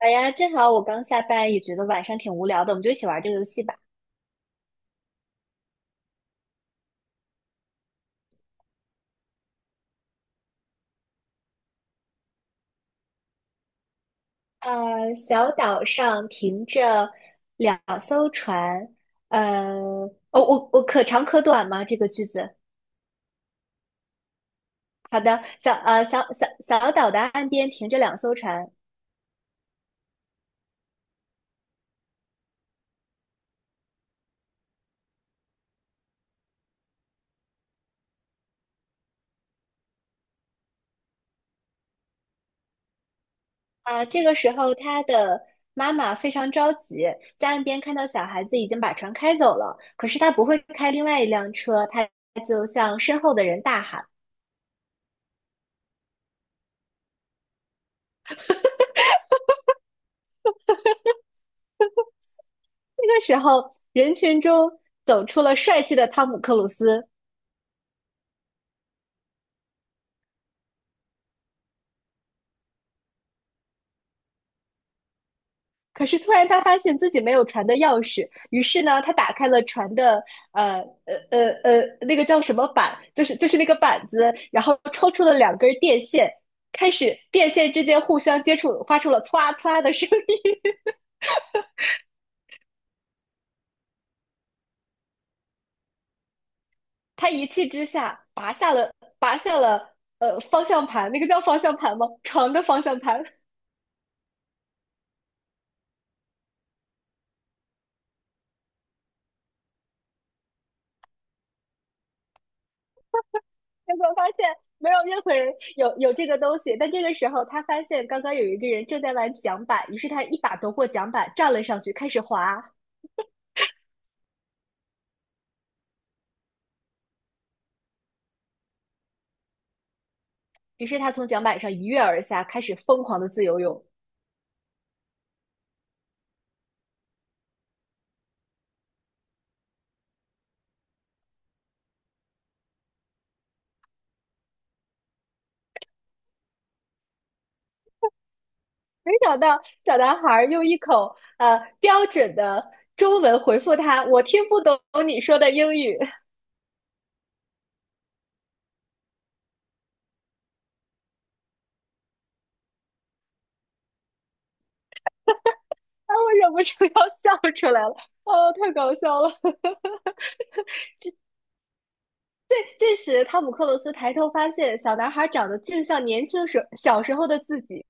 好呀，正好我刚下班，也觉得晚上挺无聊的，我们就一起玩这个游戏吧。小岛上停着两艘船，呃，哦，我我可长可短吗？这个句子。好的，小岛的岸边停着两艘船。啊，这个时候他的妈妈非常着急，在岸边看到小孩子已经把船开走了，可是他不会开另外一辆车，他就向身后的人大喊。这个时候，人群中走出了帅气的汤姆·克鲁斯。可是突然，他发现自己没有船的钥匙，于是呢，他打开了船的呃那个叫什么板，就是那个板子，然后抽出了两根电线，开始电线之间互相接触，发出了歘歘的声音。他一气之下拔下了方向盘，那个叫方向盘吗？床的方向盘，结果发现没有任何人有这个东西。但这个时候，他发现刚刚有一个人正在玩桨板，于是他一把夺过桨板，站了上去，开始滑。于是他从桨板上一跃而下，开始疯狂的自由泳。没想到小男孩用一口标准的中文回复他：“我听不懂你说的英语。”啊，我忍不住要笑出来了。哦，太搞笑了！这时，汤姆·克鲁斯抬头发现，小男孩长得竟像年轻时小时候的自己。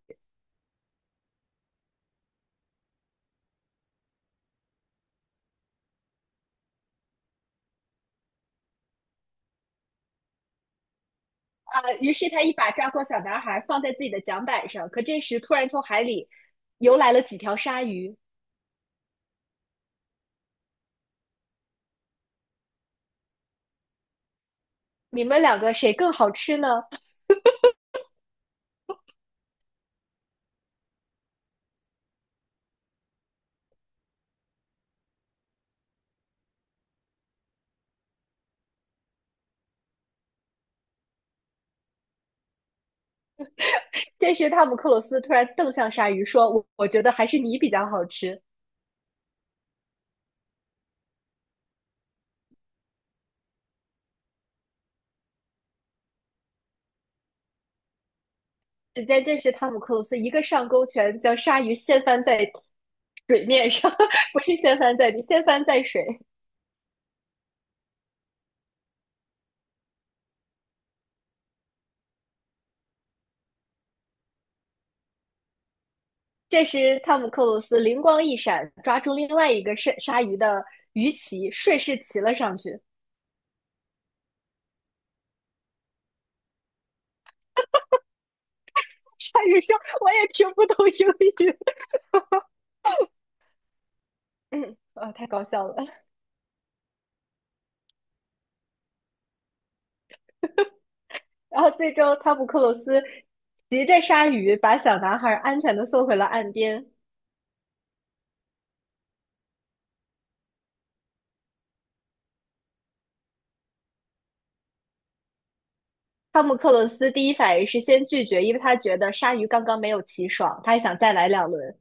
啊，于是他一把抓过小男孩，放在自己的桨板上。可这时，突然从海里游来了几条鲨鱼。你们两个谁更好吃呢？这时，汤姆克鲁斯突然瞪向鲨鱼，说：“我觉得还是你比较好吃。”只见这时，汤姆克鲁斯一个上勾拳，将鲨鱼掀翻在水面上，不是掀翻在地，掀翻在水。这时，汤姆克鲁斯灵光一闪，抓住另外一个鲨鱼的鱼鳍，顺势骑了上去。鲨鱼说：“我也听不懂英语。”嗯，啊，太搞笑了。然后最终，汤姆克鲁斯骑着鲨鱼把小男孩安全的送回了岸边。汤姆克鲁斯第一反应是先拒绝，因为他觉得鲨鱼刚刚没有骑爽，他还想再来两轮。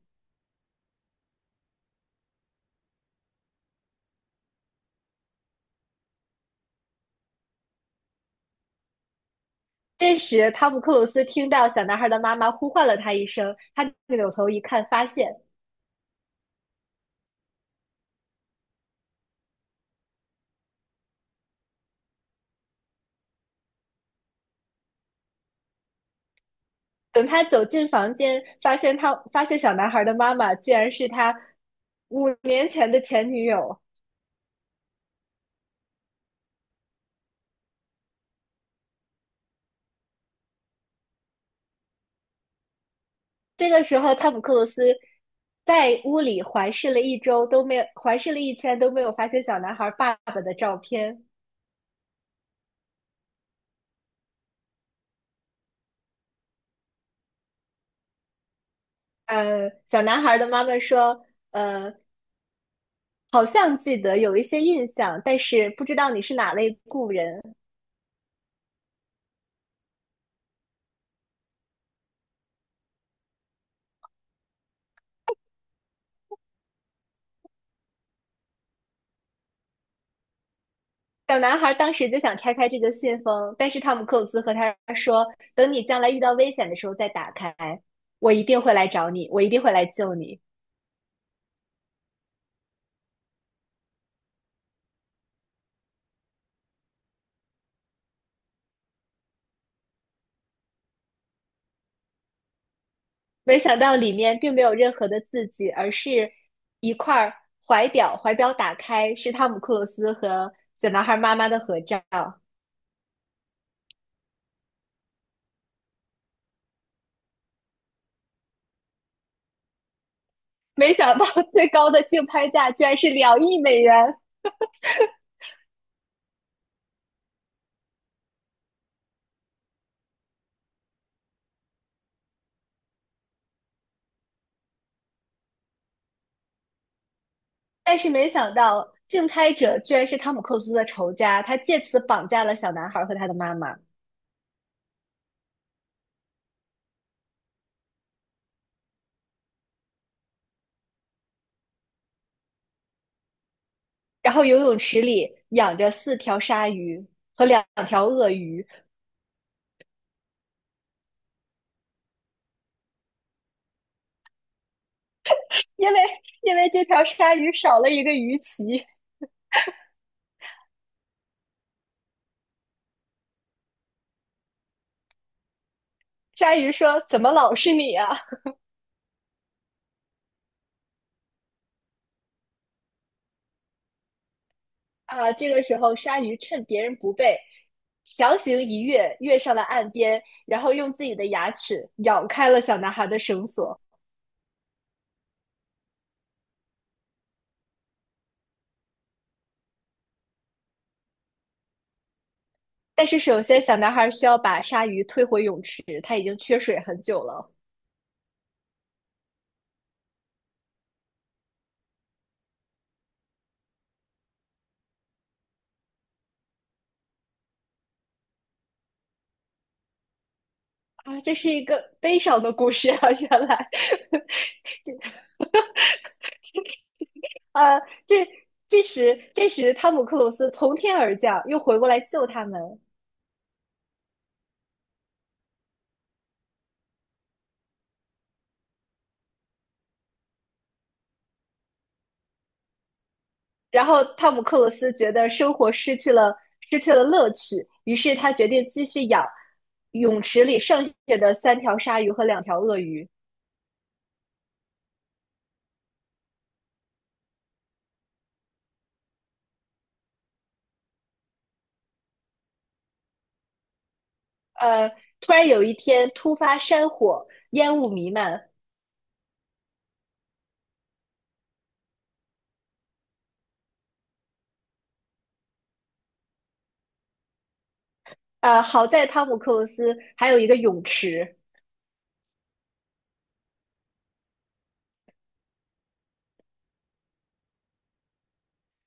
这时，汤姆克鲁斯听到小男孩的妈妈呼唤了他一声，他扭头一看，等他走进房间，发现小男孩的妈妈竟然是他5年前的前女友。这个时候，汤姆·克鲁斯在屋里环视了一周，都没有环视了一圈，都没有发现小男孩爸爸的照片。小男孩的妈妈说：“呃，好像记得有一些印象，但是不知道你是哪类故人。”小男孩当时就想拆开这个信封，但是汤姆·克鲁斯和他说：“等你将来遇到危险的时候再打开，我一定会来找你，我一定会来救你。”没想到里面并没有任何的字迹，而是一块儿怀表，怀表打开是汤姆·克鲁斯和小男孩妈妈的合照。没想到 最高的竞拍价居然是2亿美元，但是没想到竞拍者居然是汤姆·克鲁斯的仇家，他借此绑架了小男孩和他的妈妈。然后游泳池里养着四条鲨鱼和两条鳄鱼，因为因为这条鲨鱼少了一个鱼鳍，鲨鱼说：“怎么老是你啊？”啊，这个时候鲨鱼趁别人不备，强行一跃，跃上了岸边，然后用自己的牙齿咬开了小男孩的绳索。但是首先，小男孩需要把鲨鱼推回泳池，他已经缺水很久了。啊，这是一个悲伤的故事啊！原来，啊，这这时，汤姆克鲁斯从天而降，又回过来救他们。然后汤姆克鲁斯觉得生活失去了乐趣，于是他决定继续养泳池里剩下的三条鲨鱼和两条鳄鱼。呃，突然有一天突发山火，烟雾弥漫。好在汤姆克鲁斯还有一个泳池，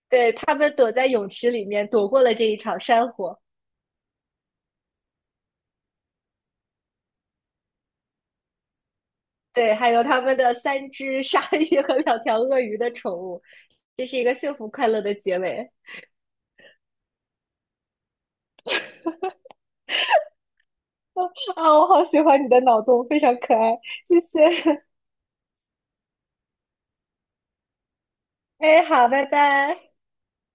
对他们躲在泳池里面躲过了这一场山火。对，还有他们的三只鲨鱼和两条鳄鱼的宠物，这是一个幸福快乐的结尾啊！我好喜欢你的脑洞，非常可爱，谢谢。哎，好，拜拜。